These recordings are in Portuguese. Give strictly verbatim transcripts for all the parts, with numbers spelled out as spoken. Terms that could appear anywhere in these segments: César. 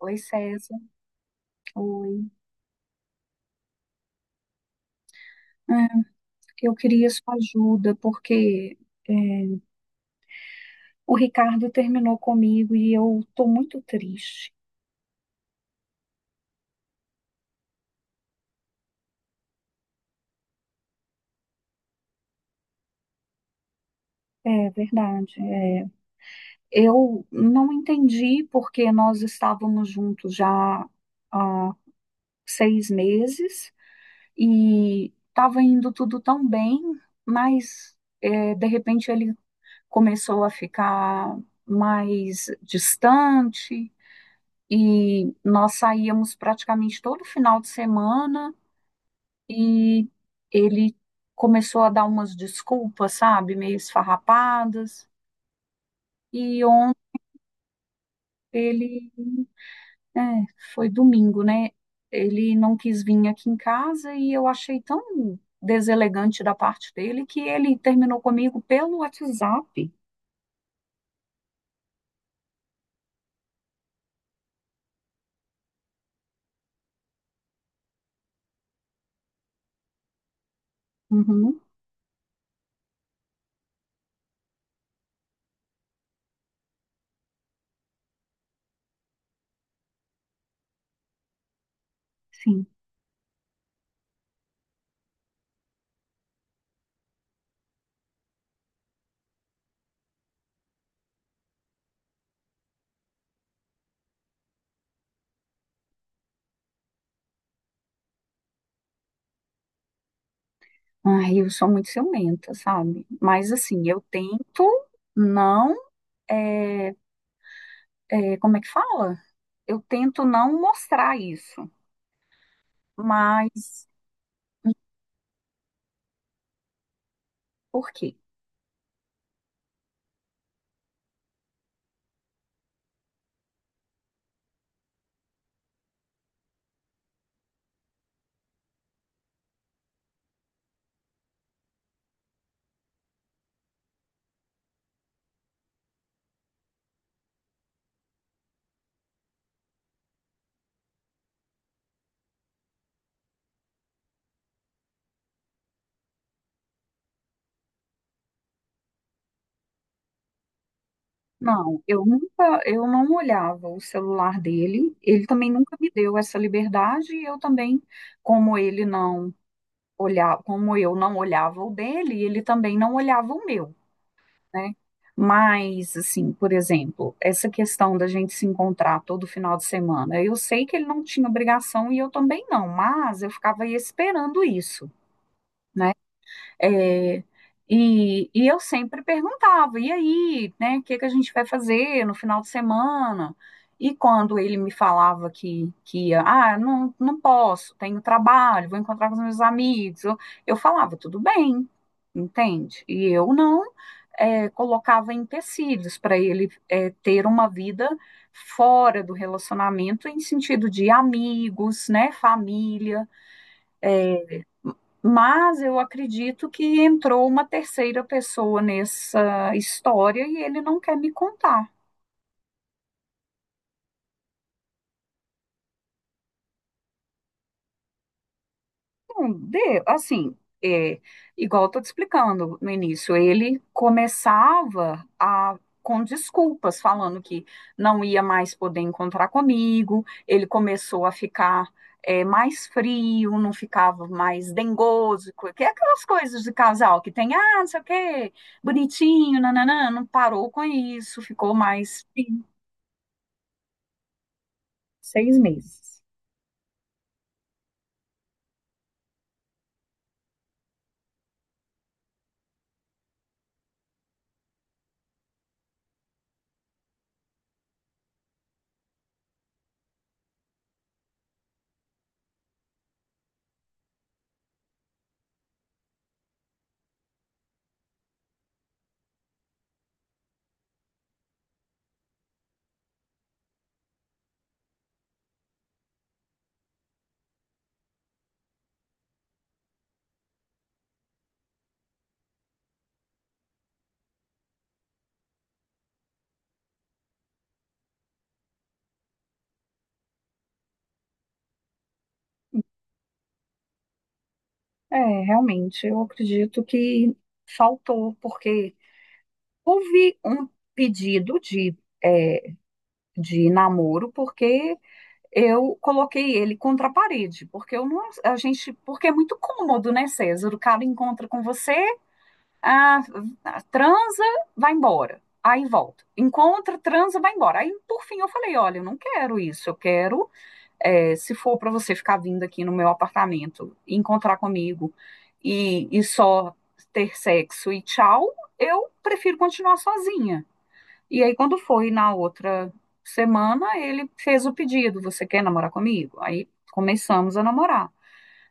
Oi, César. Oi. É, eu queria sua ajuda, porque é, o Ricardo terminou comigo e eu estou muito triste. É verdade. É. Eu não entendi porque nós estávamos juntos já há seis meses e estava indo tudo tão bem, mas é, de repente ele começou a ficar mais distante e nós saíamos praticamente todo final de semana e ele começou a dar umas desculpas, sabe, meio esfarrapadas. E ontem ele, é, foi domingo, né? Ele não quis vir aqui em casa e eu achei tão deselegante da parte dele que ele terminou comigo pelo WhatsApp. Uhum, sim. Ai, eu sou muito ciumenta, sabe? Mas assim, eu tento não eh, é, como é que fala? Eu tento não mostrar isso, mas por quê? Não, eu nunca, eu não olhava o celular dele, ele também nunca me deu essa liberdade, e eu também, como ele não olhava, como eu não olhava o dele, ele também não olhava o meu, né? Mas, assim, por exemplo, essa questão da gente se encontrar todo final de semana, eu sei que ele não tinha obrigação e eu também não, mas eu ficava aí esperando isso, né? É, e, e eu sempre perguntava, e aí, né, o que que a gente vai fazer no final de semana? E quando ele me falava que, que ia, ah, não, não posso, tenho trabalho, vou encontrar com os meus amigos, eu, eu falava, tudo bem, entende? E eu não eh, colocava empecilhos para ele eh, ter uma vida fora do relacionamento, em sentido de amigos, né, família. Mas eu acredito que entrou uma terceira pessoa nessa história e ele não quer me contar. Não, de, assim, é, igual eu tô te explicando no início, ele começava a com desculpas, falando que não ia mais poder encontrar comigo, ele começou a ficar é, mais frio, não ficava mais dengoso, co- que é aquelas coisas de casal que tem, ah, não sei o quê, bonitinho, nananã, não parou com isso, ficou mais frio. Seis meses. É, realmente, eu acredito que faltou, porque houve um pedido de, é, de namoro porque eu coloquei ele contra a parede, porque eu não, a gente, porque é muito cômodo, né, César? O cara encontra com você, ah, transa, vai embora. Aí volta. Encontra, transa, vai embora. Aí, por fim, eu falei: olha, eu não quero isso. Eu quero, é, se for para você ficar vindo aqui no meu apartamento, encontrar comigo e, e só ter sexo e tchau, eu prefiro continuar sozinha. E aí, quando foi na outra semana, ele fez o pedido: Você quer namorar comigo? Aí começamos a namorar.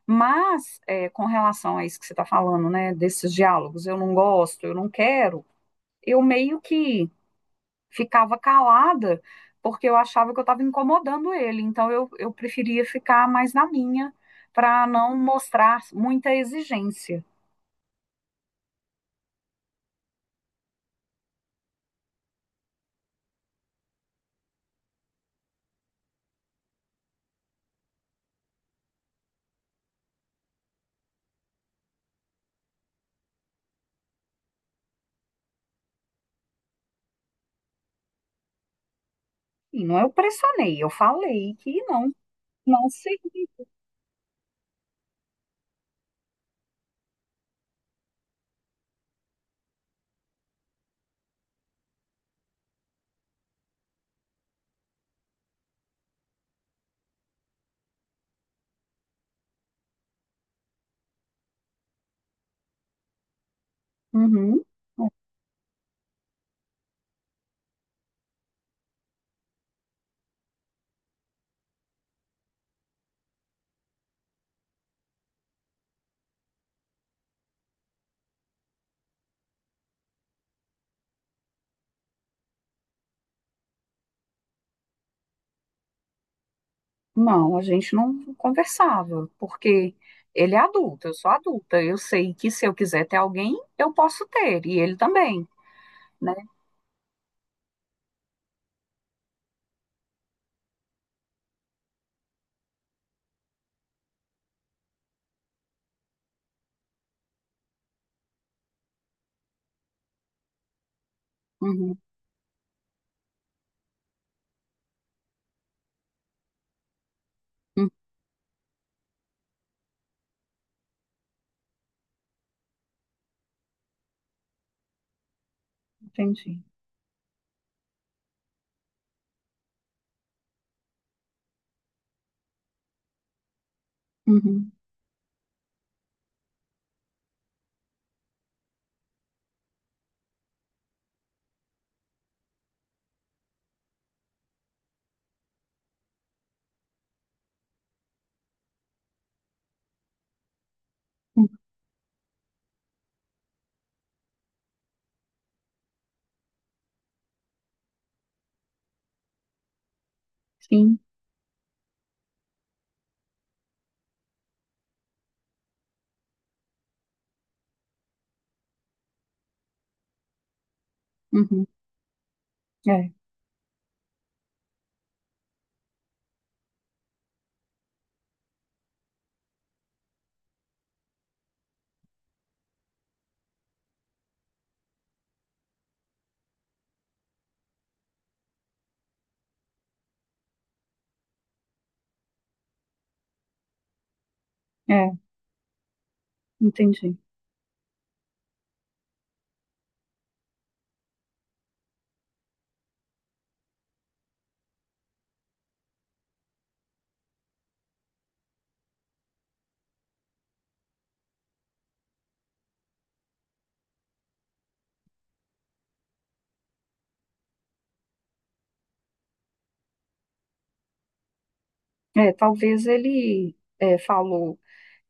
Mas, é, com relação a isso que você está falando, né, desses diálogos, eu não gosto, eu não quero, eu meio que ficava calada, porque eu achava que eu estava incomodando ele. Então, eu, eu preferia ficar mais na minha, para não mostrar muita exigência. E não eu pressionei, eu falei que não, não segui. Uhum. Não, a gente não conversava, porque ele é adulto, eu sou adulta. Eu sei que se eu quiser ter alguém, eu posso ter, e ele também, né? Uhum, uhum, entendi. Uhum, uhum, sim, uhum, é, é, entendi. É, talvez ele é, falou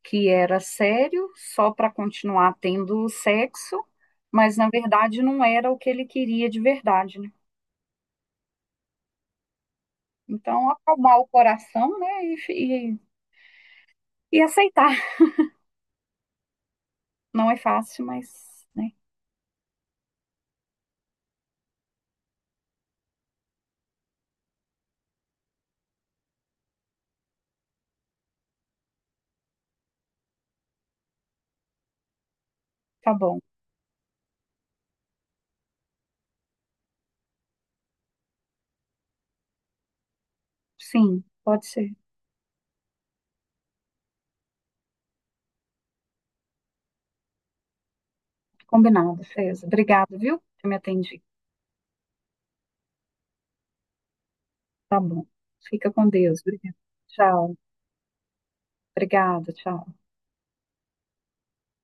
que era sério só para continuar tendo sexo, mas na verdade não era o que ele queria de verdade, né? Então, acalmar o coração, né, e, e e aceitar. Não é fácil, mas, né? Tá bom. Sim, pode ser. Combinado, feza. Obrigado, viu? Que me atendi. Tá bom. Fica com Deus. Obrigada. Tchau. Obrigada, tchau.